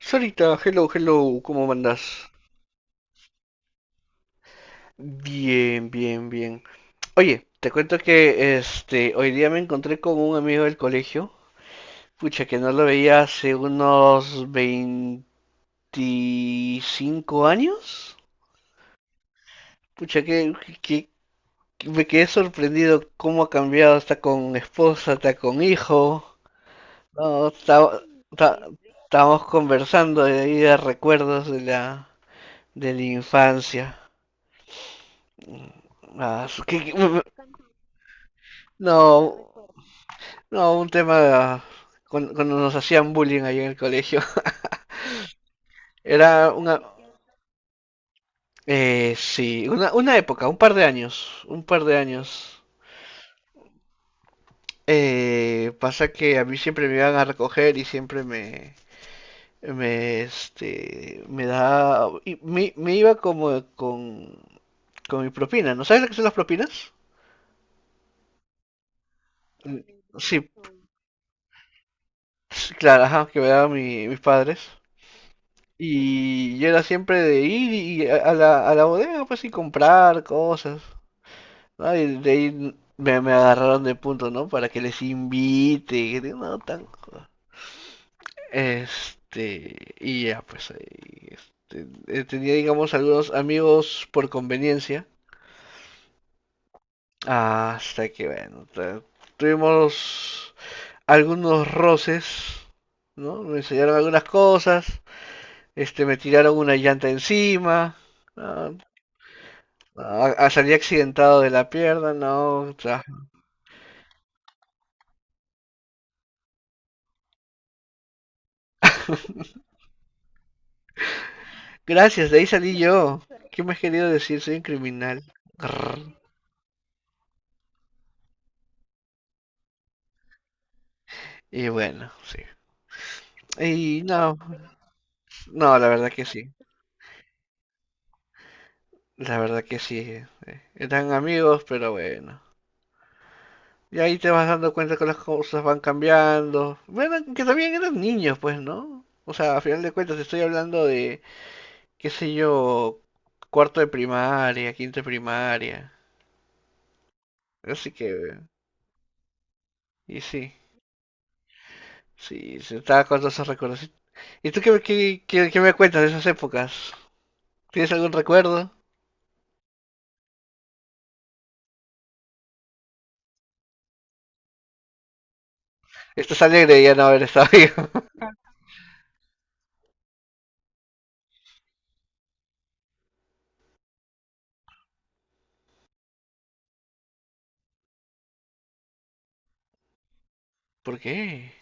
Sarita, hello, hello, ¿cómo andas? Bien, bien, bien. Oye, te cuento que hoy día me encontré con un amigo del colegio, pucha, que no lo veía hace unos 25 años. Pucha, que- que me quedé sorprendido cómo ha cambiado, está con esposa, está con hijo. No, está- estábamos conversando de ahí de recuerdos de la infancia. Ah, no. No, un tema cuando nos hacían bullying ahí en el colegio. Era una, sí, una época, un par de años, un par de años. Pasa que a mí siempre me iban a recoger y siempre me, me, este, me da, y me iba como con mi propina, ¿no sabes lo que son las propinas? Mm. Sí, sí, claro, ajá, que me daban mis padres. Y yo era siempre de ir y a la bodega, pues, y comprar cosas, ¿no? Y de ahí me agarraron de punto, ¿no? Para que les invite, y que no, tan. Y ya, pues, ahí, este, tenía, digamos, algunos amigos por conveniencia, hasta que, bueno, tuvimos algunos roces, ¿no? Me enseñaron algunas cosas, me tiraron una llanta encima, ah, Ah, ah, salí accidentado de la pierna, no. O sea, gracias, de ahí salí yo. ¿Qué me has querido decir? Soy un criminal. Grrr. Y bueno, sí. Y no, no, la verdad que sí. La verdad que sí. Eran amigos, pero bueno. Y ahí te vas dando cuenta que las cosas van cambiando. Bueno, que también eran niños, pues, ¿no? O sea, a final de cuentas estoy hablando de, qué sé yo, cuarto de primaria, quinto de primaria. Así que, y sí. Sí, se estaba con todos esos recuerdos. ¿Y tú qué me cuentas de esas épocas? ¿Tienes algún recuerdo? Estás alegre de ya no haber estado vivo. ¿Por qué?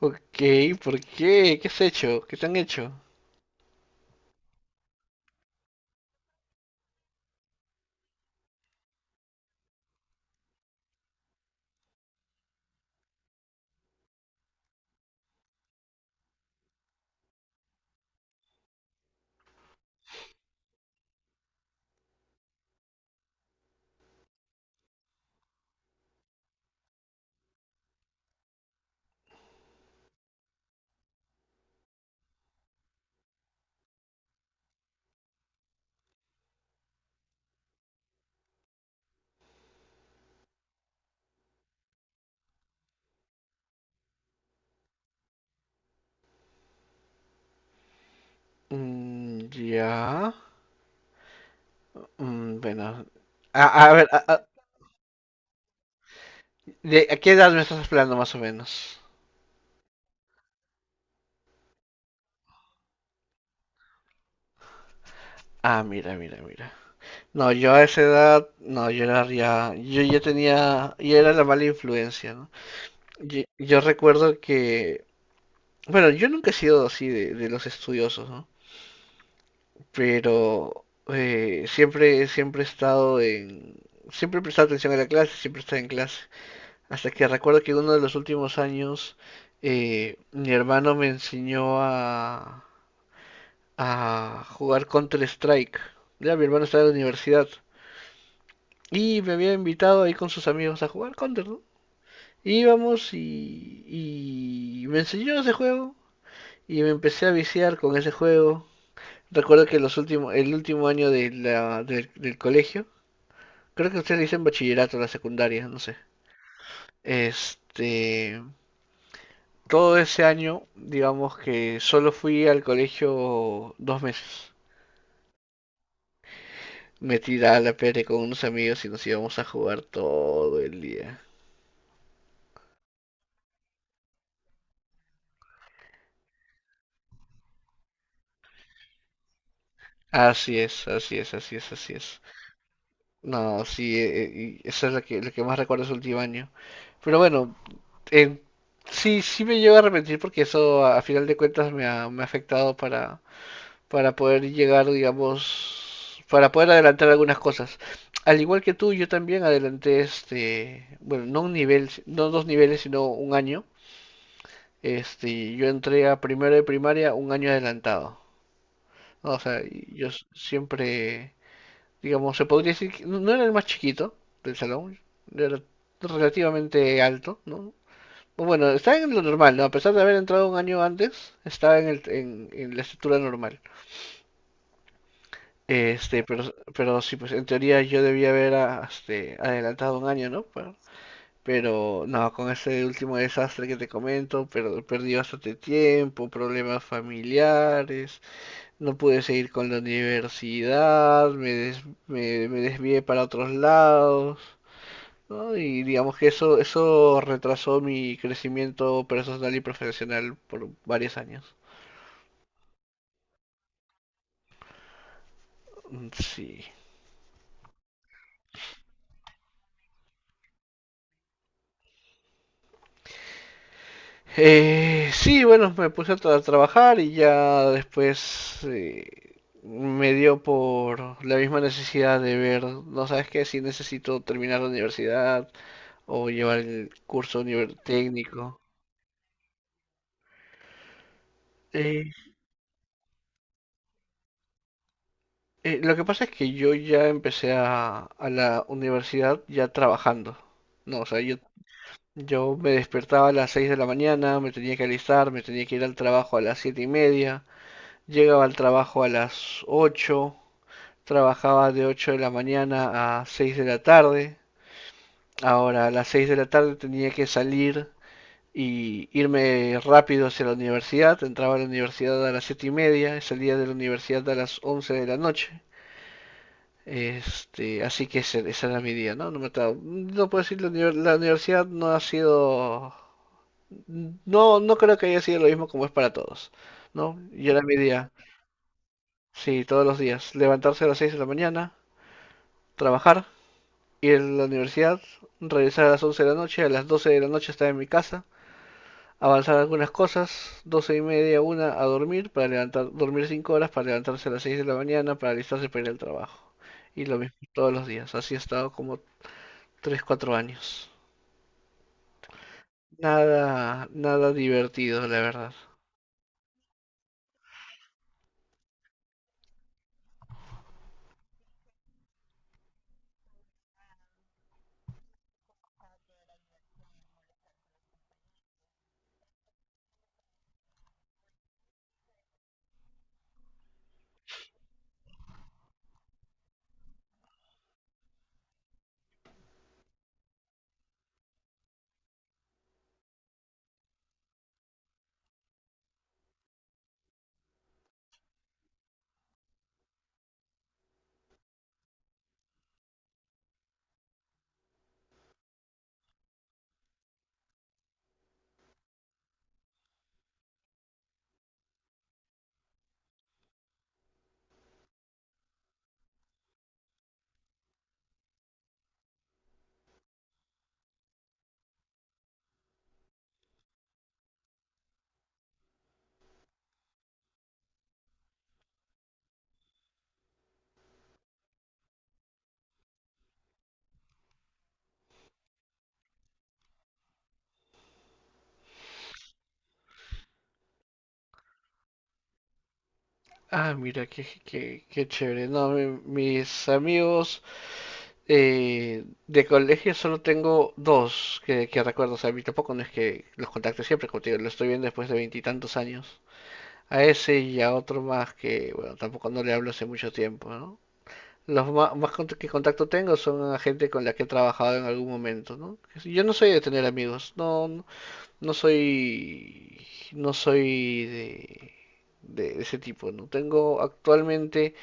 Ok, ¿por qué? ¿Qué has hecho? ¿Qué te han hecho? Mm, ya. Mm, bueno. A ver, a qué edad me estás hablando más o menos? Ah, mira, mira, mira. No, yo a esa edad, no, yo era ya, yo ya tenía, yo era la mala influencia, ¿no? Yo recuerdo que bueno, yo nunca he sido así de los estudiosos, ¿no? Pero siempre, siempre he estado en. Siempre he prestado atención a la clase, siempre he estado en clase. Hasta que recuerdo que uno de los últimos años mi hermano me enseñó a jugar Counter-Strike. Ya, mi hermano estaba en la universidad. Y me había invitado ahí con sus amigos a jugar Counter, ¿no? Íbamos y me enseñó ese juego. Y me empecé a viciar con ese juego. Recuerdo que el último año del colegio, creo que ustedes dicen bachillerato, la secundaria, no sé. Este, todo ese año, digamos que solo fui al colegio 2 meses. Me tiraba la pere con unos amigos y nos íbamos a jugar todo el día. Así es, así es, así es, así es. No, sí, y eso es lo que, más recuerdo de ese último año. Pero bueno, en- sí, sí me llevo a arrepentir porque eso a final de cuentas me ha afectado para poder llegar, digamos, para poder adelantar algunas cosas. Al igual que tú, yo también adelanté bueno, no un nivel, no dos niveles, sino un año. Yo entré a primero de primaria un año adelantado, ¿no? O sea, yo siempre, digamos, se podría decir que no era el más chiquito del salón, era relativamente alto, ¿no? Bueno, estaba en lo normal, ¿no? A pesar de haber entrado un año antes, estaba en la estructura normal. Este, pero, pero sí, pues en teoría yo debía haber adelantado un año, ¿no? Pero no, con este último desastre que te comento, pero perdí bastante tiempo, problemas familiares, no pude seguir con la universidad, me desvié para otros lados, ¿no? Y digamos que eso retrasó mi crecimiento personal y profesional por varios años. Mm. Sí. Sí, bueno, me puse a trabajar y ya después me dio por la misma necesidad de ver, no sabes qué, si necesito terminar la universidad o llevar el curso técnico. Eh, lo que pasa es que yo ya empecé a la universidad ya trabajando. No, o sea, yo me despertaba a las 6 de la mañana, me tenía que alistar, me tenía que ir al trabajo a las 7:30, llegaba al trabajo a las 8. Trabajaba de 8 de la mañana a 6 de la tarde. Ahora a las 6 de la tarde tenía que salir y irme rápido hacia la universidad. Entraba a la universidad a las 7:30 y salía de la universidad a las 11 de la noche. Así que ese era mi día, ¿no? No, no puedo decir, la universidad no ha sido. No, no creo que haya sido lo mismo como es para todos, ¿no? Y era mi día, sí, todos los días. Levantarse a las 6 de la mañana, trabajar, ir a la universidad, regresar a las 11 de la noche, a las 12 de la noche estar en mi casa, avanzar algunas cosas, 12:30, una a dormir, para levantar, dormir 5 horas, para levantarse a las 6 de la mañana, para alistarse para ir al trabajo. Y lo mismo todos los días, así he estado como 3 4 años. Nada, nada divertido, la verdad. Ah, mira, qué chévere. No, mis amigos, de colegio solo tengo dos que recuerdo, o sea, a mí tampoco no es que los contacte siempre, como te digo, lo estoy viendo después de veintitantos años. A ese y a otro más que, bueno, tampoco no le hablo hace mucho tiempo, ¿no? Los más, que contacto tengo son a gente con la que he trabajado en algún momento, ¿no? Que si- Yo no soy de tener amigos, no, no, no soy, no soy de ese tipo, ¿no? Tengo actualmente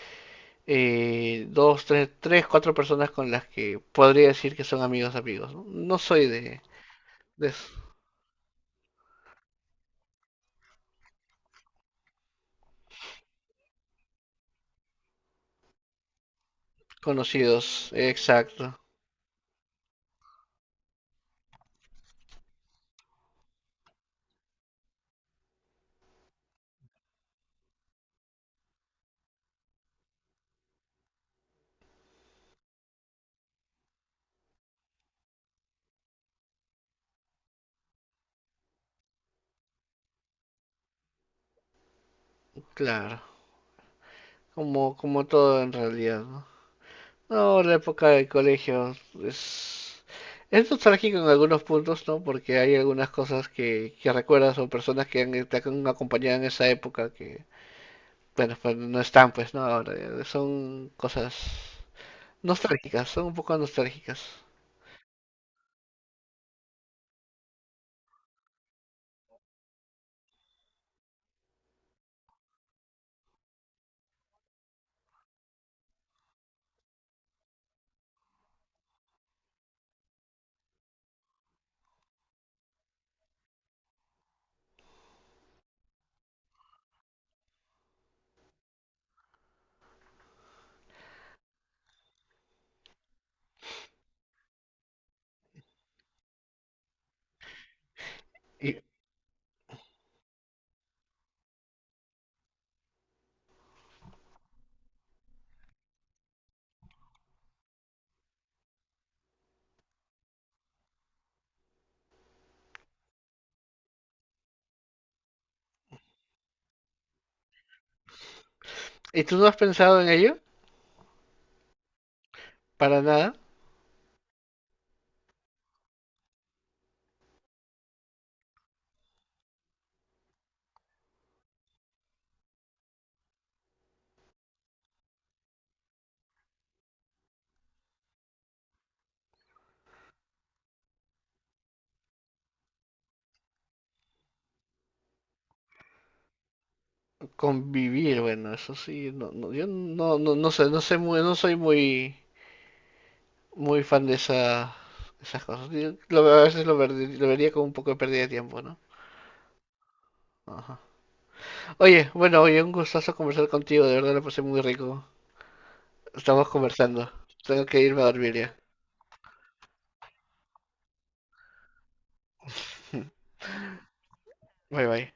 dos, tres, tres, cuatro personas con las que podría decir que son amigos amigos. No. No soy de desconocidos, exacto, claro, como todo en realidad, ¿no? No, la época del colegio es, es nostálgico en algunos puntos, ¿no? Porque hay algunas cosas que recuerdas o personas te han acompañado en esa época que, bueno, pues no están, pues, ¿no? Ahora, son cosas nostálgicas, son un poco nostálgicas. ¿Y, y tú no has pensado en ello? Para nada, convivir, bueno, eso sí, no, no, yo no, no, no sé, no sé muy, no soy muy, muy fan de esas cosas. A veces lo vería como un poco de pérdida de tiempo, ¿no? Ajá. Oye, bueno, oye, un gustazo conversar contigo, de verdad lo pasé muy rico. Estamos conversando. Tengo que irme a dormir ya. Bye bye.